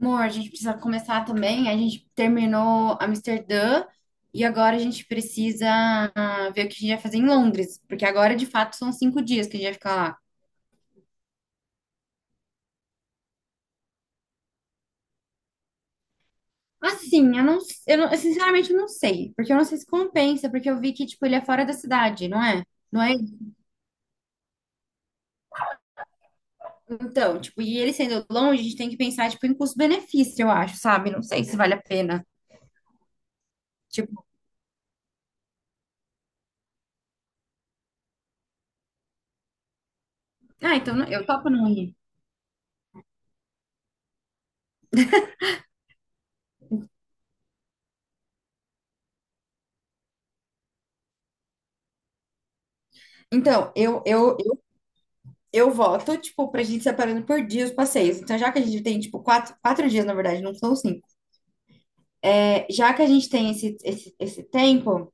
Amor, a gente precisa começar também. A gente terminou Amsterdã e agora a gente precisa ver o que a gente vai fazer em Londres, porque agora de fato são 5 dias que a gente vai ficar lá. Assim, eu sinceramente não sei, porque eu não sei se compensa, porque eu vi que tipo ele é fora da cidade, não é? Não é? Então, tipo, e ele sendo longe, a gente tem que pensar tipo em custo-benefício, eu acho, sabe? Não sei se vale a pena. Tipo, eu topo não ir. Então, eu voto, tipo, pra gente separando por dia os passeios. Então, já que a gente tem, tipo, quatro dias, na verdade, não são 5. É, já que a gente tem esse tempo,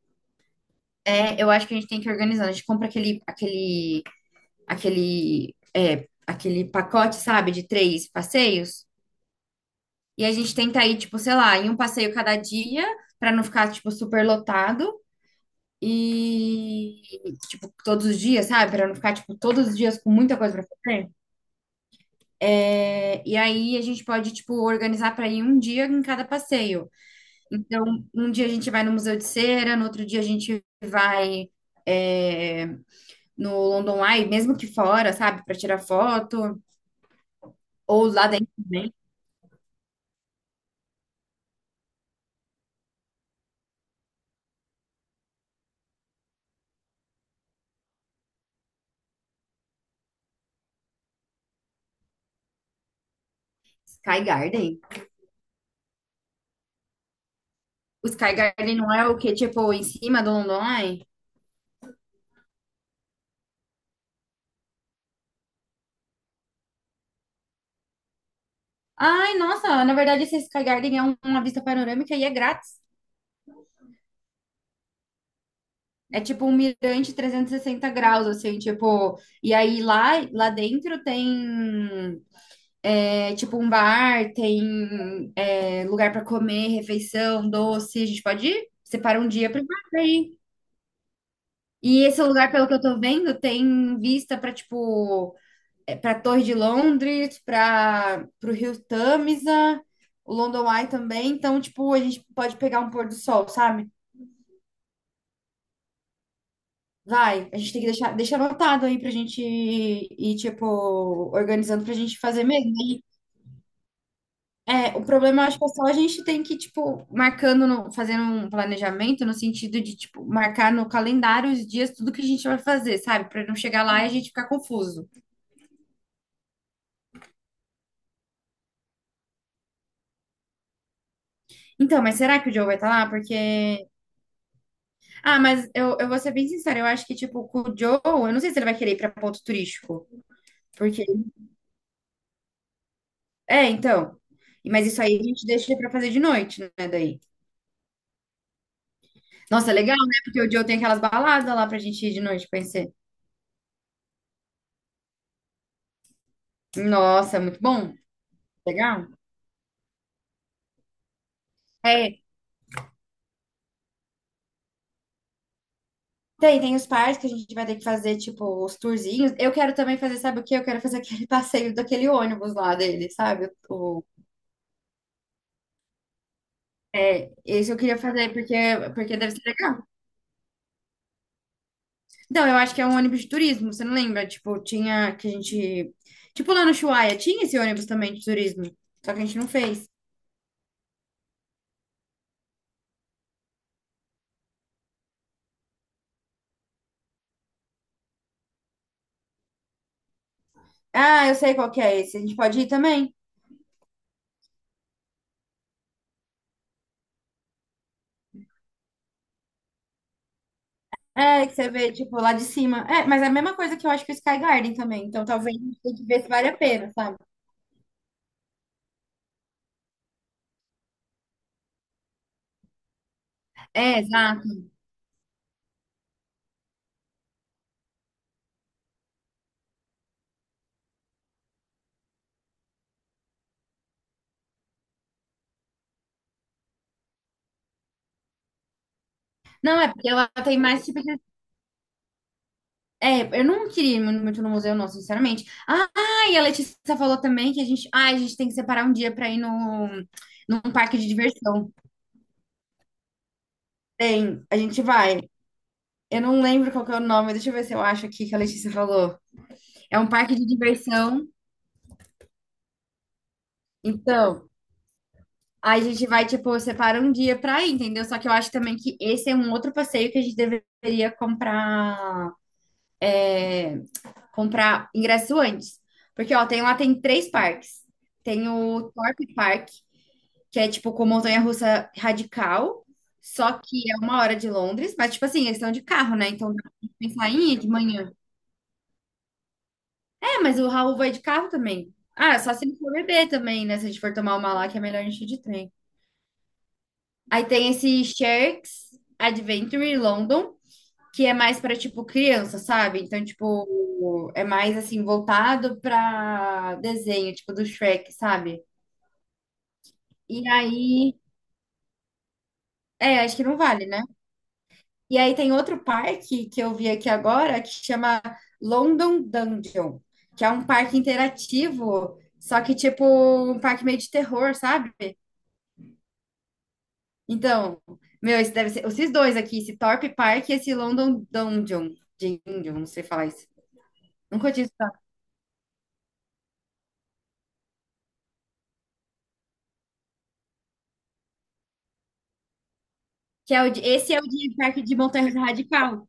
eu acho que a gente tem que organizar. A gente compra aquele pacote, sabe, de três passeios. E a gente tenta ir, tipo, sei lá, em um passeio cada dia, pra não ficar, tipo, super lotado. E, tipo, todos os dias, sabe? Pra não ficar, tipo, todos os dias com muita coisa pra fazer. E aí a gente pode, tipo, organizar para ir um dia em cada passeio. Então, um dia a gente vai no Museu de Cera, no outro dia a gente vai é, no London Eye, mesmo que fora, sabe, para tirar foto, ou lá dentro também, Sky Garden. O Sky Garden não é o que, tipo, em cima do London Eye? Ai, nossa, na verdade esse Sky Garden é uma vista panorâmica e é grátis. É tipo um mirante 360 graus, assim, tipo, e aí lá dentro tem, é, tipo um bar, tem lugar para comer, refeição, doce. A gente pode ir? Separa um dia para ir. E esse lugar, pelo que eu tô vendo, tem vista para tipo, para Torre de Londres, para o Rio Tâmisa, o London Eye também. Então, tipo, a gente pode pegar um pôr do sol, sabe? Vai, a gente tem que deixar, deixa anotado aí pra gente ir, tipo, organizando pra gente fazer mesmo, né? É, o problema, acho que é só a gente tem que, tipo, marcando, fazendo um planejamento no sentido de, tipo, marcar no calendário os dias, tudo que a gente vai fazer, sabe? Pra não chegar lá e a gente ficar confuso. Então, mas será que o Joe vai estar lá? Porque. Ah, mas eu vou ser bem sincera, eu acho que, tipo, com o Joe, eu não sei se ele vai querer ir pra ponto turístico. Porque. É, então. Mas isso aí a gente deixa pra fazer de noite, né? Daí. Nossa, legal, né? Porque o Joe tem aquelas baladas lá pra gente ir de noite conhecer. Nossa, muito bom. Legal. É, tem os parques que a gente vai ter que fazer, tipo, os tourzinhos. Eu quero também fazer, sabe o quê? Eu quero fazer aquele passeio daquele ônibus lá dele, sabe? Esse eu queria fazer porque deve ser legal. Não, eu acho que é um ônibus de turismo, você não lembra? Tipo, tinha que a gente. Tipo, lá no Ushuaia, tinha esse ônibus também de turismo, só que a gente não fez. Ah, eu sei qual que é esse. A gente pode ir também? É, que você vê, tipo, lá de cima. É, mas é a mesma coisa que eu acho que o Sky Garden também. Então, talvez a gente tenha que ver se vale a pena, sabe? É, exato. Não, é porque ela tem mais tipo de. É, eu não queria ir muito muito no museu, não, sinceramente. Ah, e a Letícia falou também que a gente tem que separar um dia para ir no, num parque de diversão. Tem, a gente vai. Eu não lembro qual que é o nome, deixa eu ver se eu acho aqui que a Letícia falou. É um parque de diversão. Então, a gente vai, tipo, separa um dia para ir, entendeu? Só que eu acho também que esse é um outro passeio que a gente deveria comprar ingresso antes. Porque, ó, tem lá tem três parques. Tem o Thorpe Park, que é tipo com montanha-russa radical, só que é uma hora de Londres, mas tipo assim, eles estão de carro, né? Então dá pra pensar em ir de manhã. É, mas o Raul vai de carro também. Ah, só se ele for beber também, né? Se a gente for tomar uma lá, que é melhor a gente ir de trem. Aí tem esse Sharks Adventure London, que é mais para tipo criança, sabe? Então, tipo, é mais assim voltado para desenho, tipo do Shrek, sabe? E aí, acho que não vale, né? E aí tem outro parque que eu vi aqui agora que chama London Dungeon, que é um parque interativo, só que tipo um parque meio de terror, sabe? Então, meu, esse deve ser esses dois aqui, esse Thorpe Park e esse London Dungeon, Dungeon, não sei falar isso. Nunca tinha escutado. Que é esse é o de parque de montanha radical.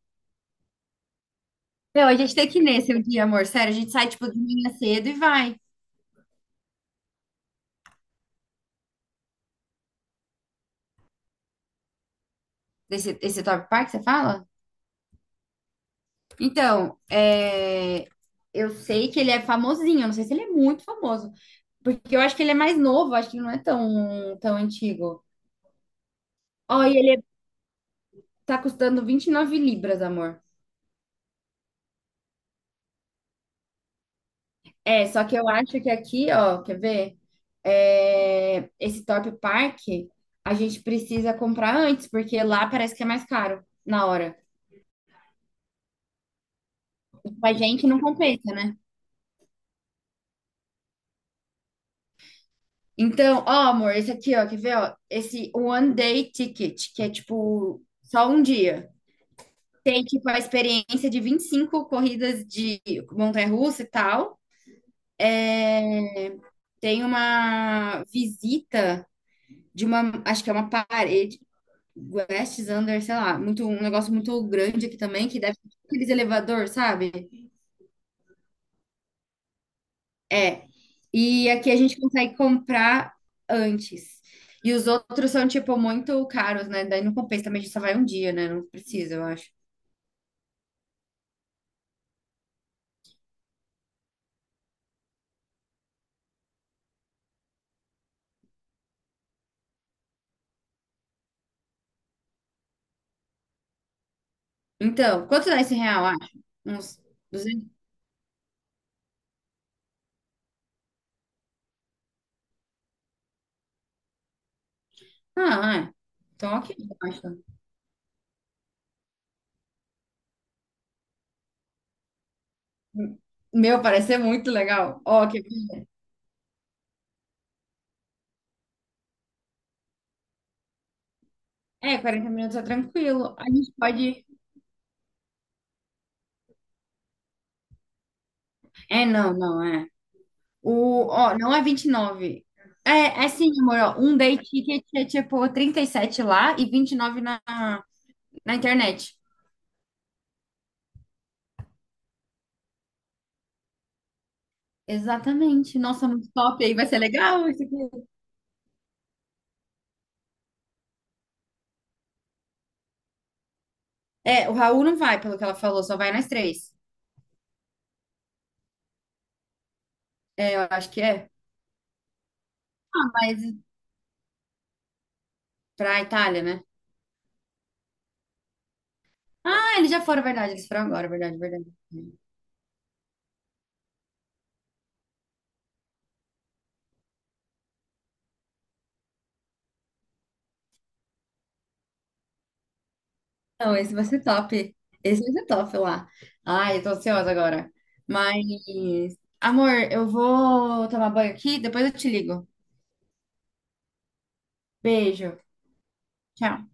Meu, a gente tem que ir nesse um dia, amor. Sério, a gente sai tipo de manhã cedo e vai. Esse Thorpe Park, você fala? Então, eu sei que ele é famosinho, eu não sei se ele é muito famoso, porque eu acho que ele é mais novo, acho que ele não é tão, tão antigo. Ó, e ele tá custando £29, amor. É, só que eu acho que aqui, ó, quer ver? É, esse Top Park, a gente precisa comprar antes, porque lá parece que é mais caro na hora. Pra gente não compensa, né? Então, ó, amor, esse aqui, ó, quer ver, ó? Esse One Day Ticket, que é tipo só um dia. Tem, tipo, a experiência de 25 corridas de montanha-russa e tal. É, tem uma visita de uma, acho que é uma parede, West Under, sei lá, muito, um negócio muito grande aqui também, que deve ter aqueles elevador, sabe? É. E aqui a gente consegue comprar antes. E os outros são, tipo, muito caros, né? Daí não compensa também, a gente só vai um dia, né? Não precisa, eu acho. Então, quanto dá esse real, acho? Uns 200. Ah, é. Então, ok, basta. Meu, parece ser muito legal. Ó, que... É, 40 minutos é tranquilo. A gente pode. É, não, não, é. Ó, não é 29. É, sim, amor, ó. Um day ticket é tipo 37 lá e 29 na internet. Exatamente. Nossa, muito top. Aí vai ser legal isso aqui. É, o Raul não vai, pelo que ela falou, só vai nós três. É, eu acho que é. Ah, mas pra Itália, né? Ah, eles já foram, verdade. Eles foram agora, verdade, verdade. Não, esse vai ser top. Esse vai ser top lá. Ai, eu tô ansiosa agora. Mas, amor, eu vou tomar banho aqui, depois eu te ligo. Beijo. Tchau.